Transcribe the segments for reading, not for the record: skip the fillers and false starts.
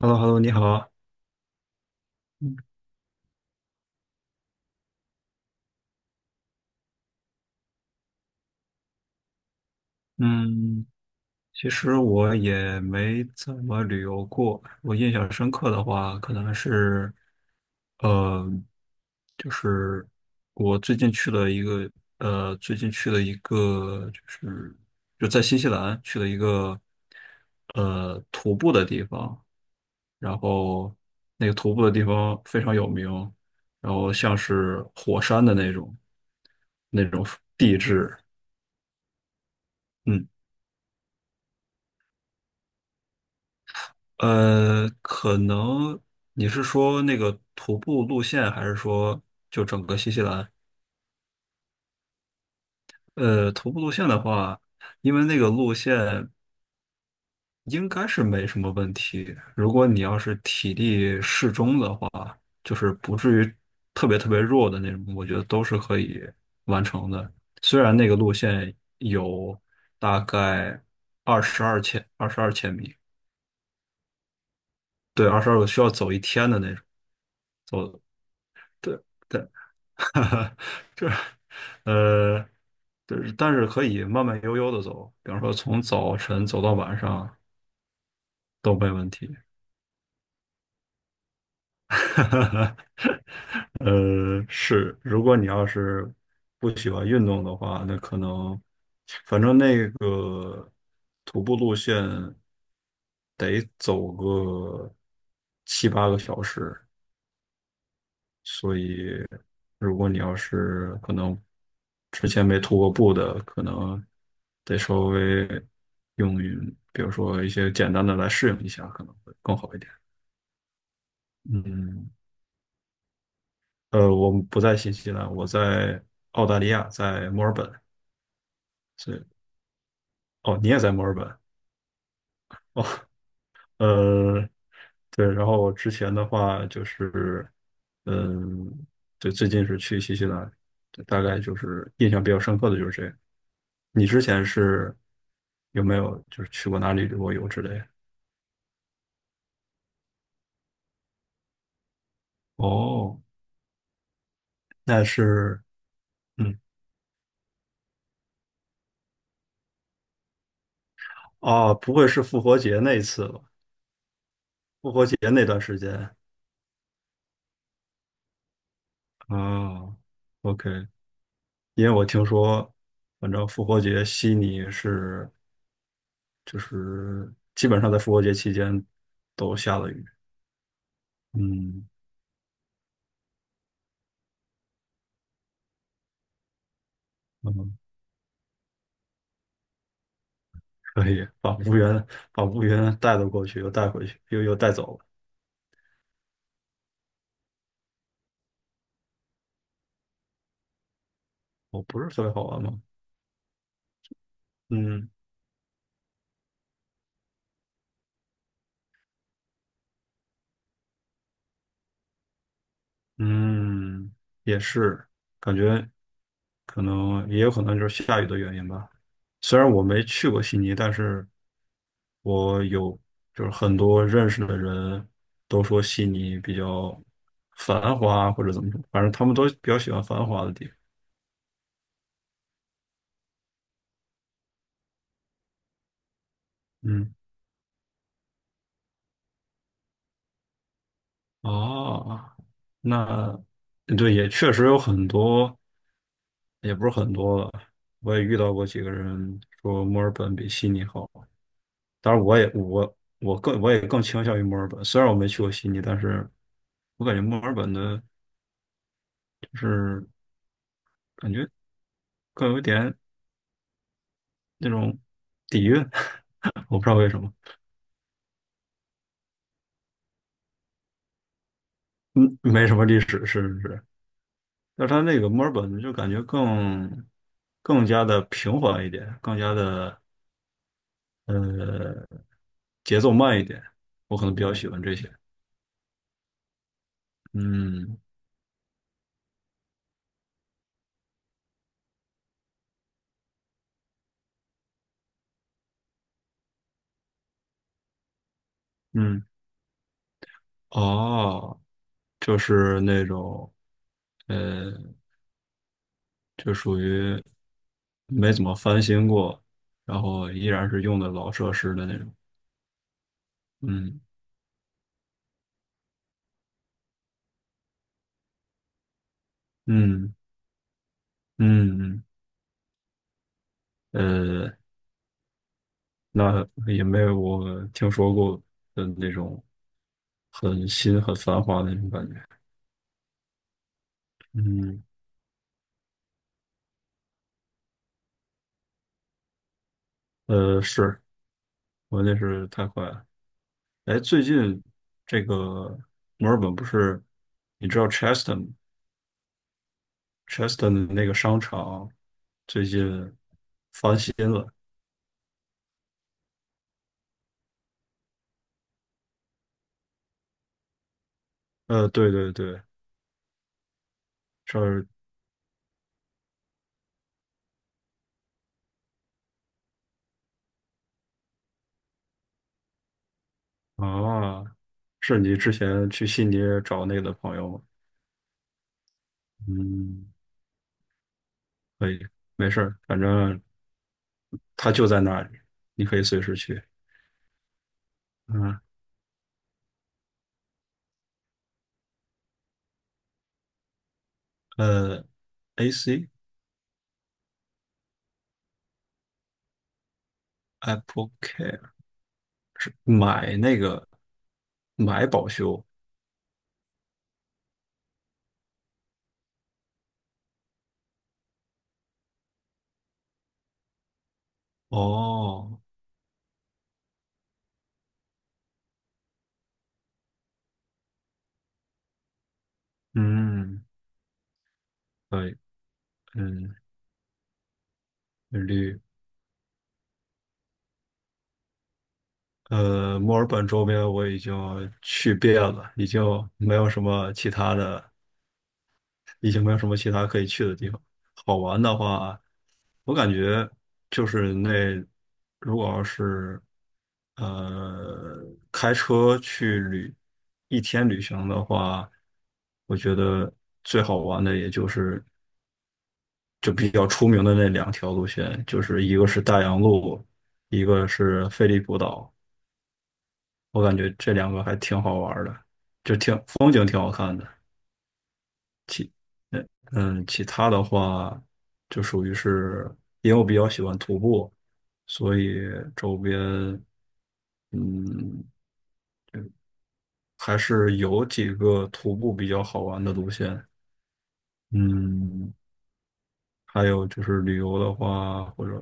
h e l l o h e l l o 你好。嗯，其实我也没怎么旅游过。我印象深刻的话，可能是，呃，就是我最近去了一个，呃，最近去了一个，就是就在新西兰去了一个，徒步的地方。然后那个徒步的地方非常有名，然后像是火山的那种地质。嗯。可能你是说那个徒步路线，还是说就整个新西兰？徒步路线的话，因为那个路线应该是没什么问题。如果你要是体力适中的话，就是不至于特别特别弱的那种，我觉得都是可以完成的。虽然那个路线有大概二十二千米，对，22个需要走一天的那种，走，对。对 这，这，呃，就是但是可以慢慢悠悠的走，比方说从早晨走到晚上都没问题。是，如果你要是不喜欢运动的话，那可能反正那个徒步路线得走个七八个小时，所以如果你要是可能之前没涂过布的，可能得稍微用于，比如说一些简单的来适应一下，可能会更好一点。嗯，我们不在新西兰，我在澳大利亚，在墨尔本。所以，哦，你也在墨尔本？哦。呃，对，然后我之前的话就是，嗯，对，最近是去新西兰，对大概就是印象比较深刻的就是这个。你之前是有没有就是去过哪里旅过游之类的？哦，那是，嗯，哦，不会是复活节那一次吧？复活节那段时间，啊，OK，因为我听说，反正复活节悉尼是。就是基本上在复活节期间都下了雨。嗯嗯，可以把乌云带了过去，又带回去，又带走了。我不是特别好玩吗？嗯嗯，也是，感觉可能也有可能就是下雨的原因吧。虽然我没去过悉尼，但是我有就是很多认识的人都说悉尼比较繁华或者怎么说，反正他们都比较喜欢繁华的地方。嗯。哦，那对，也确实有很多，也不是很多了。我也遇到过几个人说墨尔本比悉尼好，当然我也更倾向于墨尔本，虽然我没去过悉尼，但是我感觉墨尔本的就是感觉更有一点那种底蕴，我不知道为什么，嗯，没什么历史，是是是，但是它那个墨尔本就感觉更加的平缓一点，更加的呃，节奏慢一点，我可能比较喜欢这些。嗯嗯，哦，就是那种呃，就属于没怎么翻新过，然后依然是用的老设施的那种。嗯嗯嗯嗯，那也没有我听说过的那种很新很繁华的那种感觉。嗯，是，我那是太快了。哎，最近这个墨尔本不是，你知道 Cheston 的那个商场最近，对对对，这儿啊，是你之前去悉尼找那个的朋友吗？嗯，可以，没事儿，反正他就在那里，你可以随时去。嗯，呃，AC Apple Care 买那个买保修哦，嗯，可以，嗯，绿。墨尔本周边我已经去遍了，已经没有什么其他的，已经没有什么其他可以去的地方。好玩的话，我感觉就是那，如果要是呃开车去一天旅行的话，我觉得最好玩的也就是就比较出名的那两条路线，就是一个是大洋路，一个是菲利普岛。我感觉这两个还挺好玩儿的，就挺风景挺好看的。其，嗯嗯，其他的话就属于是，因为我比较喜欢徒步，所以周边嗯还是有几个徒步比较好玩的路线。嗯，还有就是旅游的话，或者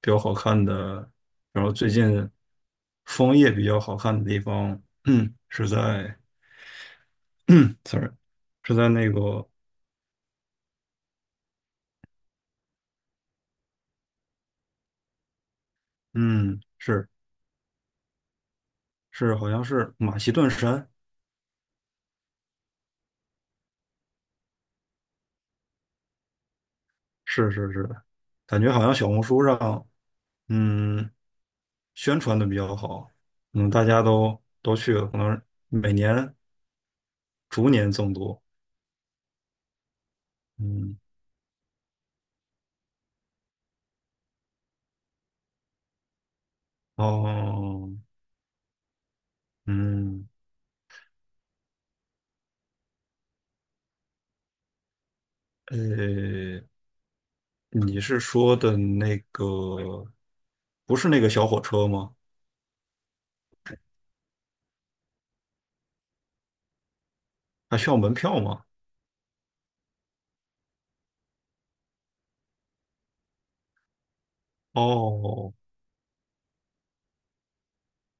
比较好看的，然后最近枫叶比较好看的地方，嗯，是在 ，sorry，是在那个嗯，是是，好像是马其顿山，是是是。感觉好像小红书上，嗯，宣传的比较好，嗯，大家都去了，可能每年逐年增多，嗯，哦，嗯，呃，你是说的那个，不是那个小火车吗？还需要门票吗？哦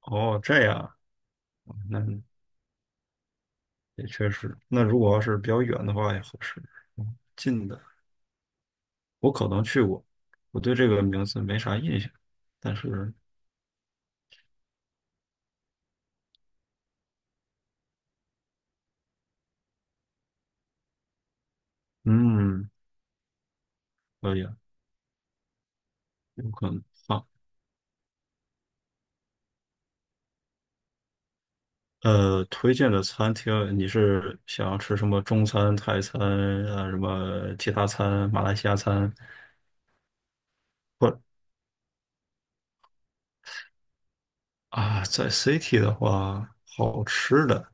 哦，这样啊，那也确实，那如果要是比较远的话也合适，近的。我可能去过，我对这个名字没啥印象，但是，嗯，可以啊有可能。好，推荐的餐厅，你是想要吃什么中餐、泰餐啊，什么其他餐、马来西亚餐，或在 City 的话，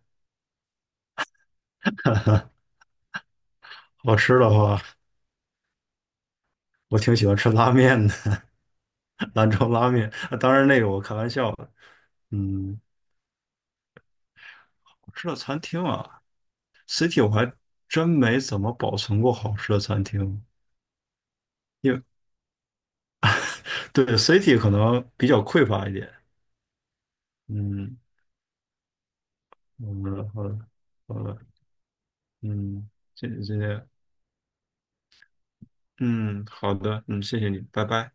好吃的话，我挺喜欢吃拉面的，兰州拉面。啊当然，那个我开玩笑的。嗯，好吃的餐厅啊，City 我还真没怎么保存过好吃的餐厅。对，city 可能比较匮乏一点。嗯，好的，好的，好的，嗯，谢谢，谢谢，嗯，好的，嗯，谢谢你，拜拜。